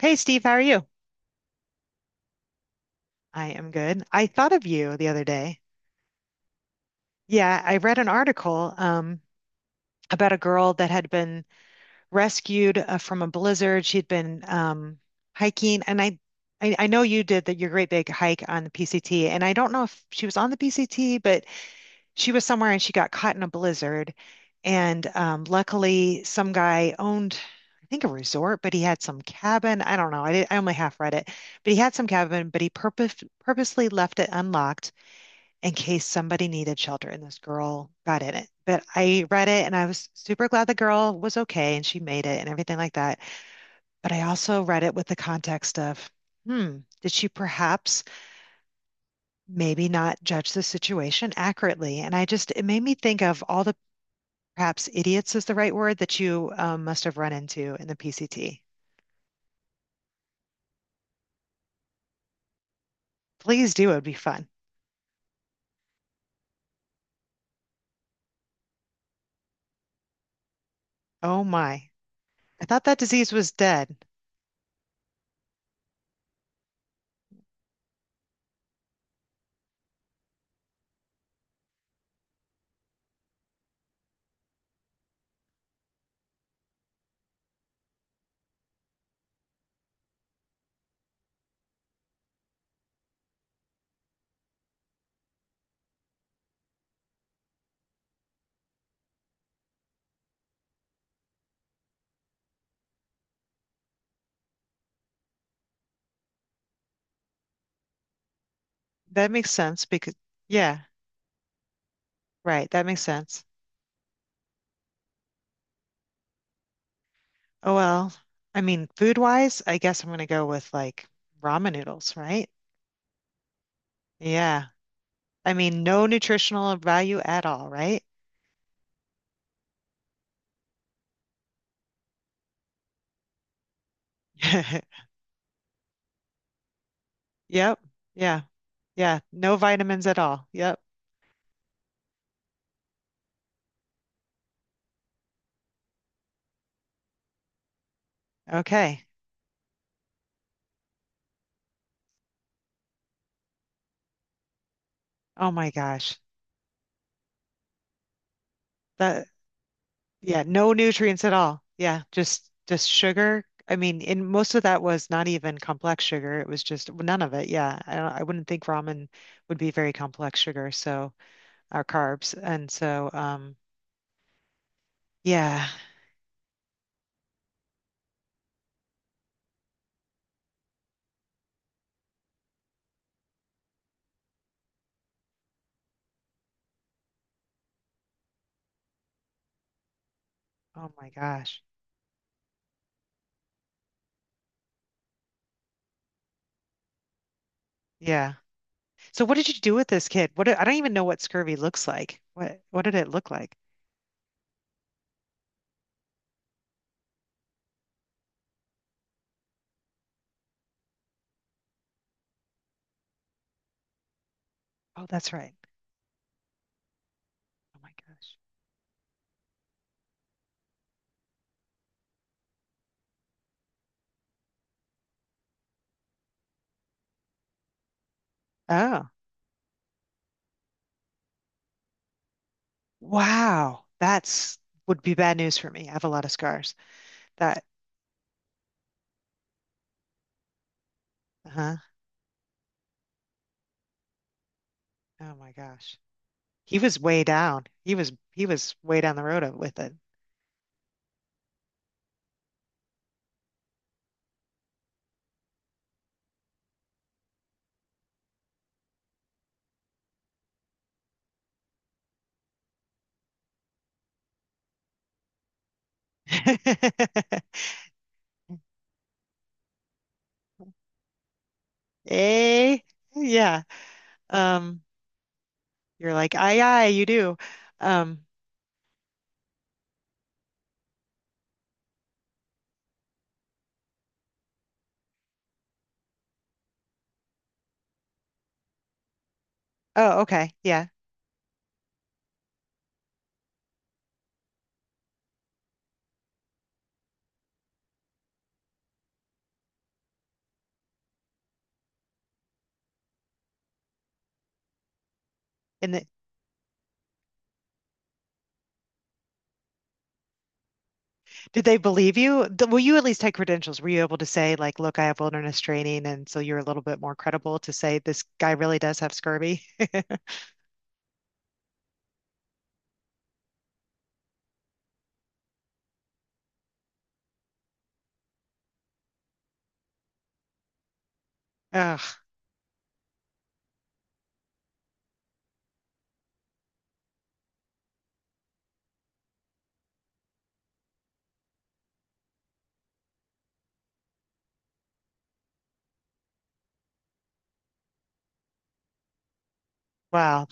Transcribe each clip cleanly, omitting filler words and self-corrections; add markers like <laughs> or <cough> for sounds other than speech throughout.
Hey Steve, how are you? I am good. I thought of you the other day. Yeah, I read an article about a girl that had been rescued from a blizzard. She'd been hiking, and I know you did that your great big hike on the PCT, and I don't know if she was on the PCT, but she was somewhere and she got caught in a blizzard. And luckily, some guy owned, I think, a resort, but he had some cabin. I don't know. I only half read it, but he had some cabin, but purposely left it unlocked in case somebody needed shelter. And this girl got in it. But I read it and I was super glad the girl was okay and she made it and everything like that. But I also read it with the context of, did she perhaps maybe not judge the situation accurately. And it made me think of all the perhaps idiots is the right word that you must have run into in the PCT. Please do. It would be fun. Oh my. I thought that disease was dead. That makes sense because, yeah, right. That makes sense. Oh, well, I mean, food wise, I guess I'm going to go with like ramen noodles, right? Yeah. I mean, no nutritional value at all, right? <laughs> Yep. Yeah. Yeah. No vitamins at all. Yep. Okay. Oh my gosh. That Yeah, no nutrients at all. Yeah, just sugar. I mean, and most of that was not even complex sugar. It was just none of it. Yeah, I wouldn't think ramen would be very complex sugar, so our carbs. And so, yeah. Oh my gosh. Yeah. So what did you do with this kid? What I don't even know what scurvy looks like. What did it look like? Oh, that's right. Oh my gosh. Oh, wow. That's Would be bad news for me. I have a lot of scars. That, uh-huh. Oh my gosh. He was way down. He was way down the road with it. <laughs> Eh? Yeah. Um, you're like, aye, aye, you do. Um, oh, okay. Yeah. And the, did they believe you? Well, you at least had credentials. Were you able to say, like, look, I have wilderness training, and so you're a little bit more credible to say this guy really does have scurvy? <laughs> Ugh, wow.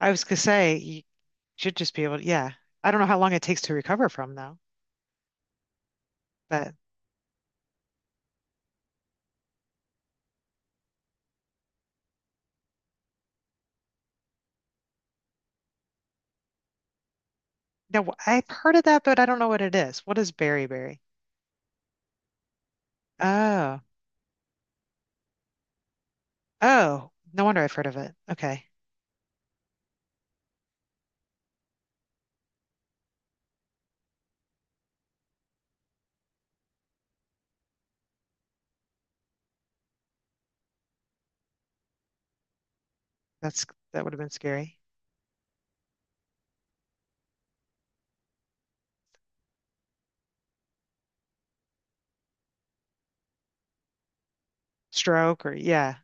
I was gonna say you should just be able to, yeah. I don't know how long it takes to recover from though, but no, I've heard of that, but I don't know what it is. What is beriberi? Oh, oh, no wonder I've heard of it. Okay, that's that would have been scary. Stroke or yeah.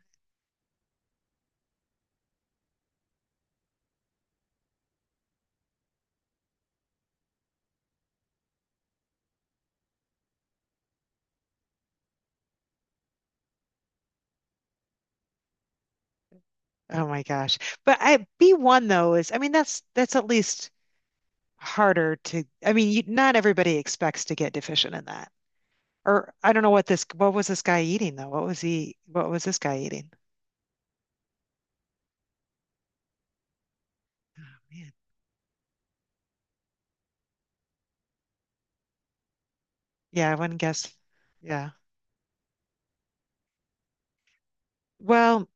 Oh my gosh. But I B1 though is, I mean, that's at least harder to. I mean, you, not everybody expects to get deficient in that. Or I don't know what this. What was this guy eating though? What was he? What was this guy eating? Man. Yeah, I wouldn't guess. Yeah. Well,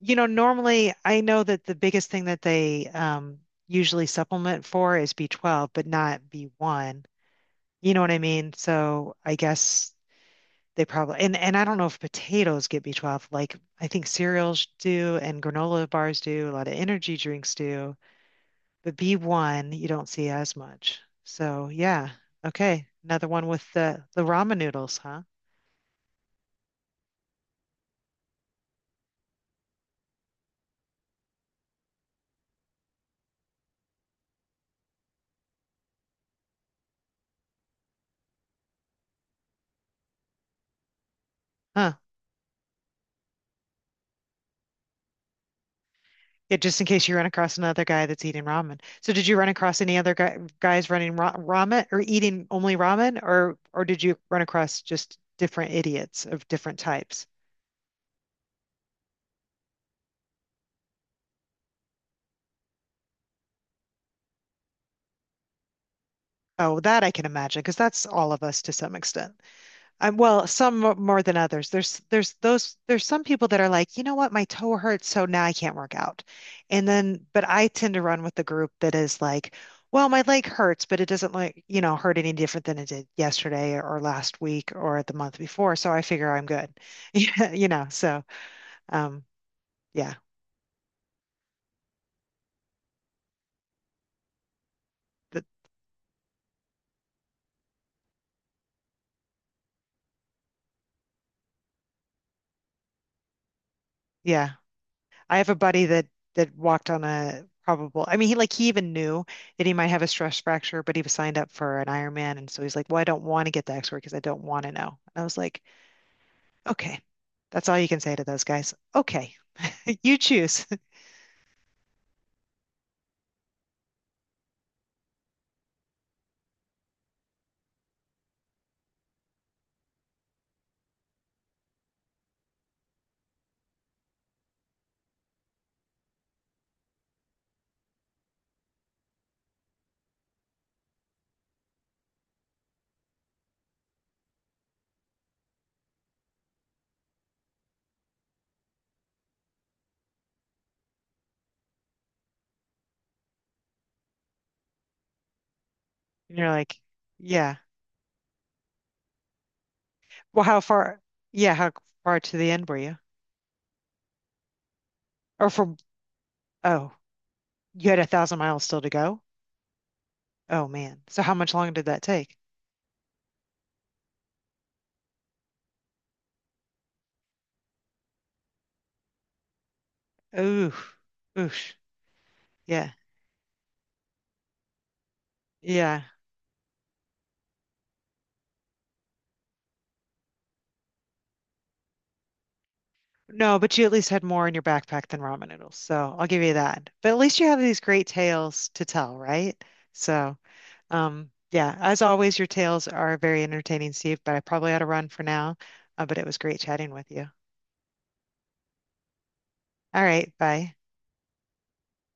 you know, normally I know that the biggest thing that they usually supplement for is B12, but not B1. You know what I mean? So I guess they probably and I don't know if potatoes get B12. Like I think cereals do and granola bars do, a lot of energy drinks do, but B1 you don't see as much. So yeah, okay, another one with the ramen noodles, huh? Huh. Yeah, just in case you run across another guy that's eating ramen. So did you run across any other guy, guys running ra ramen or eating only ramen or did you run across just different idiots of different types? Oh, that I can imagine because that's all of us to some extent. Well, more than others. There's some people that are like, you know what, my toe hurts, so now I can't work out. And then, but I tend to run with the group that is like, well, my leg hurts, but it doesn't like, you know, hurt any different than it did yesterday or last week or the month before. So I figure I'm good. <laughs> Yeah, you know, um yeah. But yeah. I have a buddy that walked on a probable. I mean, he even knew that he might have a stress fracture, but he was signed up for an Ironman, and so he's like, "Well, I don't want to get the X-ray because I don't want to know." And I was like, "Okay, that's all you can say to those guys. Okay, <laughs> you choose." <laughs> And you're like, "Yeah. Well, how far? Yeah, how far to the end were you? Or from? Oh, you had 1,000 miles still to go. Oh man. So how much longer did that take? Ooh, oosh. Yeah, yeah. No, but you at least had more in your backpack than ramen noodles, so I'll give you that. But at least you have these great tales to tell, right? So, yeah, as always, your tales are very entertaining, Steve, but I probably ought to run for now. But it was great chatting with you. All right, bye.